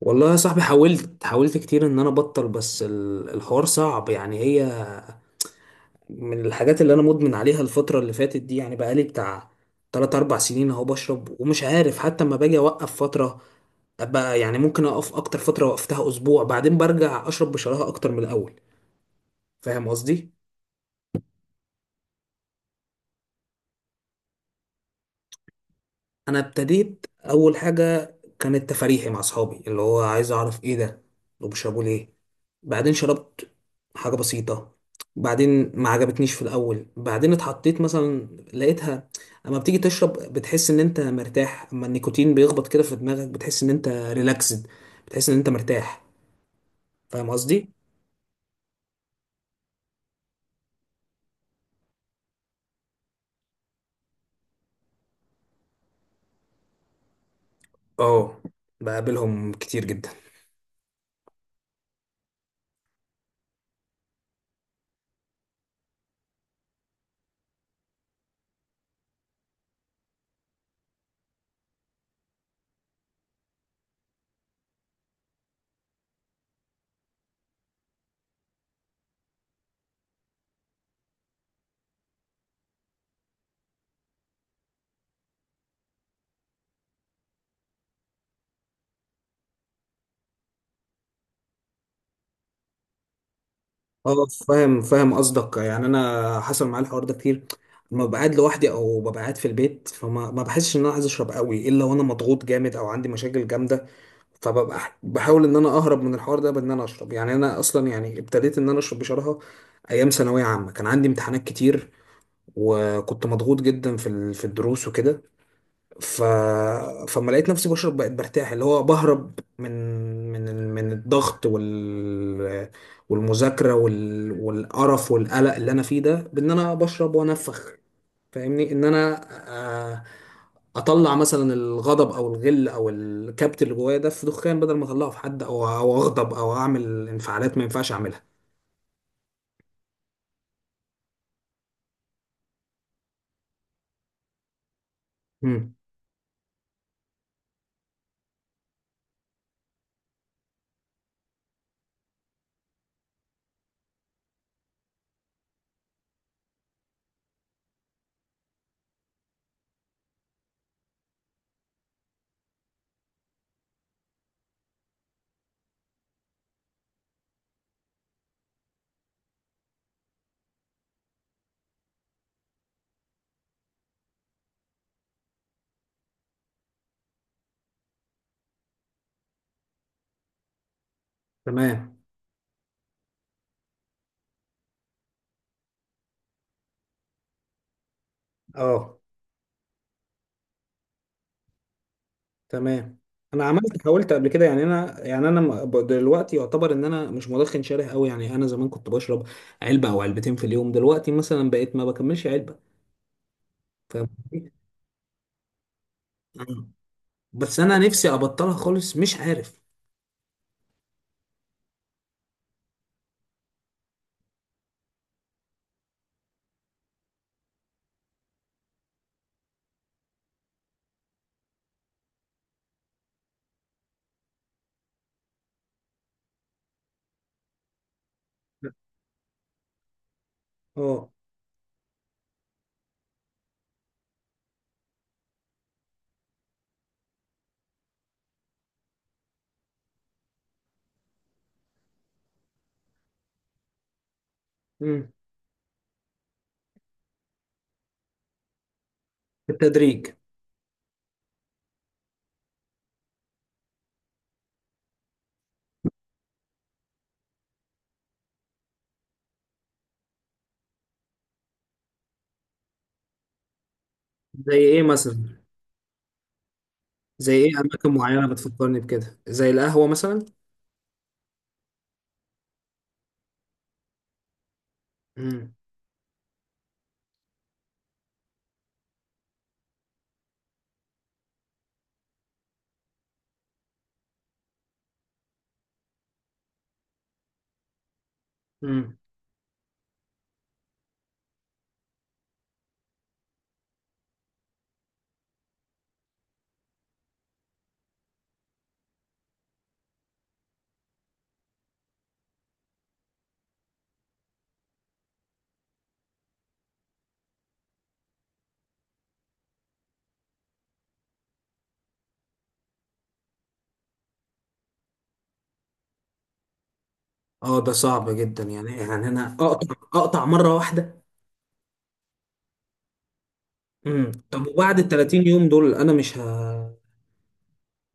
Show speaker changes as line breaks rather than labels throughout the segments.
والله يا صاحبي حاولت حاولت كتير ان انا ابطل. بس الحوار صعب. يعني هي من الحاجات اللي انا مدمن عليها الفترة اللي فاتت دي. يعني بقالي بتاع 3 4 سنين اهو بشرب، ومش عارف حتى اما باجي اوقف فترة ابقى يعني ممكن اقف اكتر. فترة وقفتها اسبوع بعدين برجع اشرب بشراهة اكتر من الاول. فاهم قصدي؟ انا ابتديت، اول حاجه كانت تفاريحي مع اصحابي اللي هو عايز اعرف ايه ده وبيشربوا ليه. بعدين شربت حاجه بسيطه، بعدين ما عجبتنيش في الاول، بعدين اتحطيت مثلا لقيتها. اما بتيجي تشرب بتحس ان انت مرتاح، اما النيكوتين بيخبط كده في دماغك بتحس ان انت ريلاكسد، بتحس ان انت مرتاح. فاهم قصدي؟ اه، بقابلهم كتير جدا. اه، فاهم فاهم قصدك. يعني انا حصل معايا الحوار ده كتير. لما ببقى قاعد لوحدي او ببقى قاعد في البيت فما ما بحسش ان انا عايز اشرب قوي، الا وانا مضغوط جامد او عندي مشاكل جامده. فببقى بحاول ان انا اهرب من الحوار ده بان انا اشرب. يعني انا اصلا يعني ابتديت ان انا اشرب بشراهه ايام ثانويه عامه، كان عندي امتحانات كتير، وكنت مضغوط جدا في في الدروس وكده. ف... فما لقيت نفسي بشرب بقيت برتاح، اللي هو بهرب من من الضغط والمذاكرة والقرف والقلق اللي انا فيه ده بان انا بشرب وانفخ. فاهمني؟ ان انا آه، اطلع مثلا الغضب او الغل او الكبت اللي جوايا ده في دخان، بدل ما اطلعه في حد او اغضب او اعمل انفعالات ما ينفعش اعملها. امم. تمام. اه، تمام. انا عملت، حاولت قبل كده. يعني انا انا دلوقتي يعتبر ان انا مش مدخن شره قوي. يعني انا زمان كنت بشرب علبه او علبتين في اليوم، دلوقتي مثلا بقيت ما بكملش علبه. فاهم قصدي؟ آه. بس انا نفسي ابطلها خالص، مش عارف. اه. امم. بالتدريج. زي ايه مثلا؟ زي ايه اماكن معينه بتفكرني بكده؟ زي القهوه مثلا. امم. امم. اه، ده صعب جدا. يعني انا اقطع اقطع مره واحده. امم، طب وبعد ال 30 يوم دول انا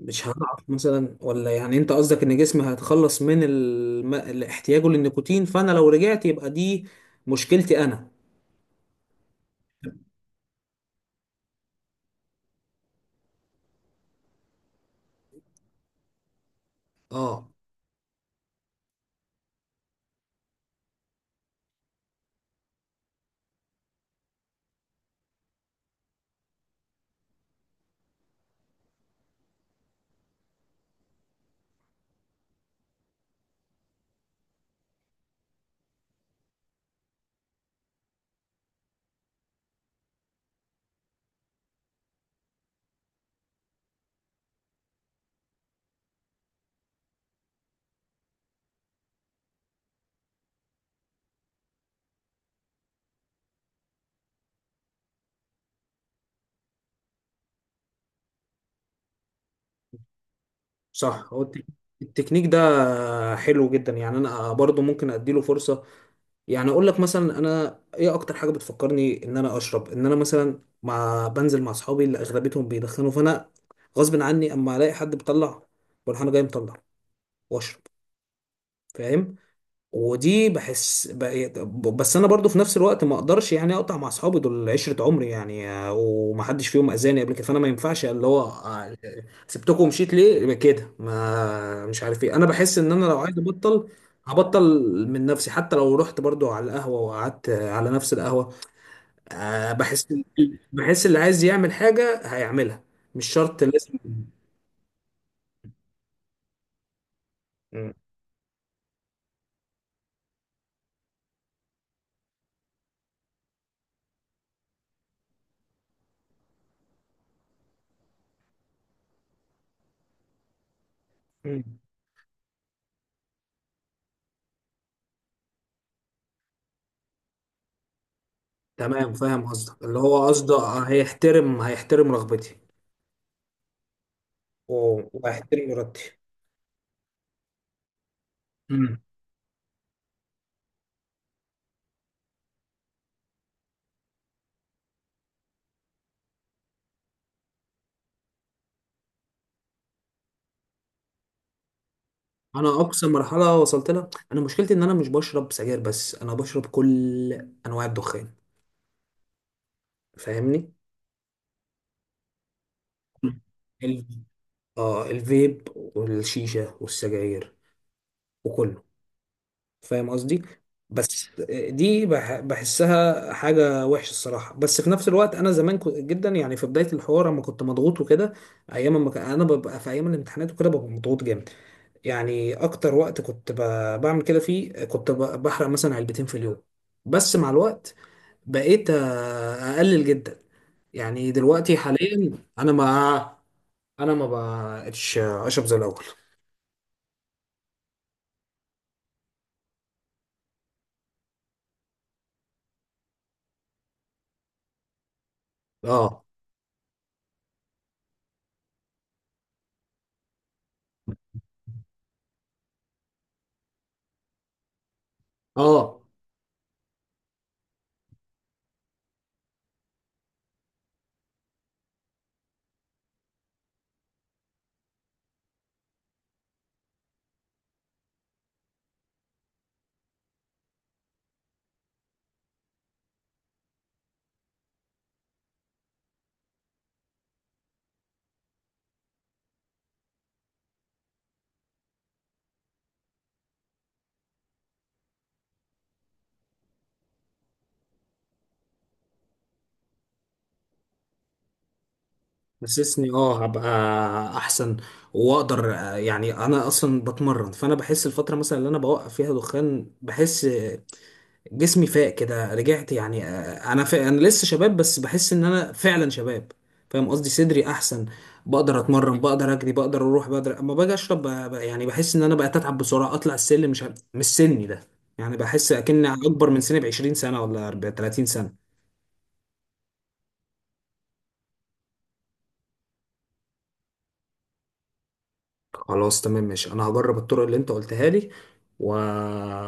مش هضعف مثلا ولا؟ يعني انت قصدك ان جسمي هيتخلص من احتياجه للنيكوتين، فانا لو رجعت يبقى دي مشكلتي انا. اه، صح. هو التكنيك ده حلو جدا. يعني انا برضو ممكن اديله فرصة. يعني اقول لك مثلا انا ايه اكتر حاجة بتفكرني ان انا اشرب؟ ان انا مثلا مع بنزل مع اصحابي اللي اغلبيتهم بيدخنوا، فانا غصب عني اما الاقي حد بيطلع بروح انا جاي مطلع واشرب. فاهم؟ ودي بحس بس انا برضو في نفس الوقت ما اقدرش يعني اقطع مع اصحابي دول عشرة عمري. يعني ومحدش فيهم اذاني قبل كده فانا ما ينفعش اللي هو سبتكم ومشيت ليه. يبقى كده ما مش عارف ايه. انا بحس ان انا لو عايز ابطل هبطل من نفسي، حتى لو رحت برضو على القهوة وقعدت على نفس القهوة. آه، بحس بحس اللي عايز يعمل حاجة هيعملها، مش شرط لازم. م- م- تمام، فاهم قصدك. اللي هو قصده هيحترم هيحترم رغبتي واحترم ارادتي. مم. انا اقصى مرحله وصلت لها، انا مشكلتي ان انا مش بشرب سجاير بس، انا بشرب كل انواع الدخان. فاهمني؟ مم. ال... اه، الفيب والشيشه والسجاير وكله. فاهم قصدي؟ بس دي بحسها حاجه وحشه الصراحه. بس في نفس الوقت انا زمان كنت جدا يعني في بدايه الحوار اما كنت مضغوط وكده ايام ما انا ببقى في ايام الامتحانات وكده ببقى مضغوط جامد. يعني اكتر وقت كنت بعمل كده فيه كنت بحرق مثلا علبتين في اليوم. بس مع الوقت بقيت اقلل جدا. يعني دلوقتي حاليا انا ما بقتش اشرب زي الاول. اه. اه، حسسني اه هبقى احسن واقدر. يعني انا اصلا بتمرن. فانا بحس الفتره مثلا اللي انا بوقف فيها دخان بحس جسمي فاق كده، رجعت يعني. انا فاق، انا لسه شباب، بس بحس ان انا فعلا شباب. فاهم قصدي؟ صدري احسن، بقدر اتمرن بقدر اجري بقدر اروح. اما باجي اشرب يعني بحس ان انا بقيت اتعب بسرعه، اطلع السلم مش سني ده. يعني بحس اكن اكبر من سني ب 20 سنه ولا 40 30 سنه. خلاص تمام ماشي، انا هجرب الطرق اللي انت قلتها لي و...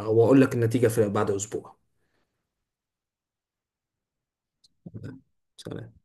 واقول لك النتيجه في بعد اسبوع. سلام.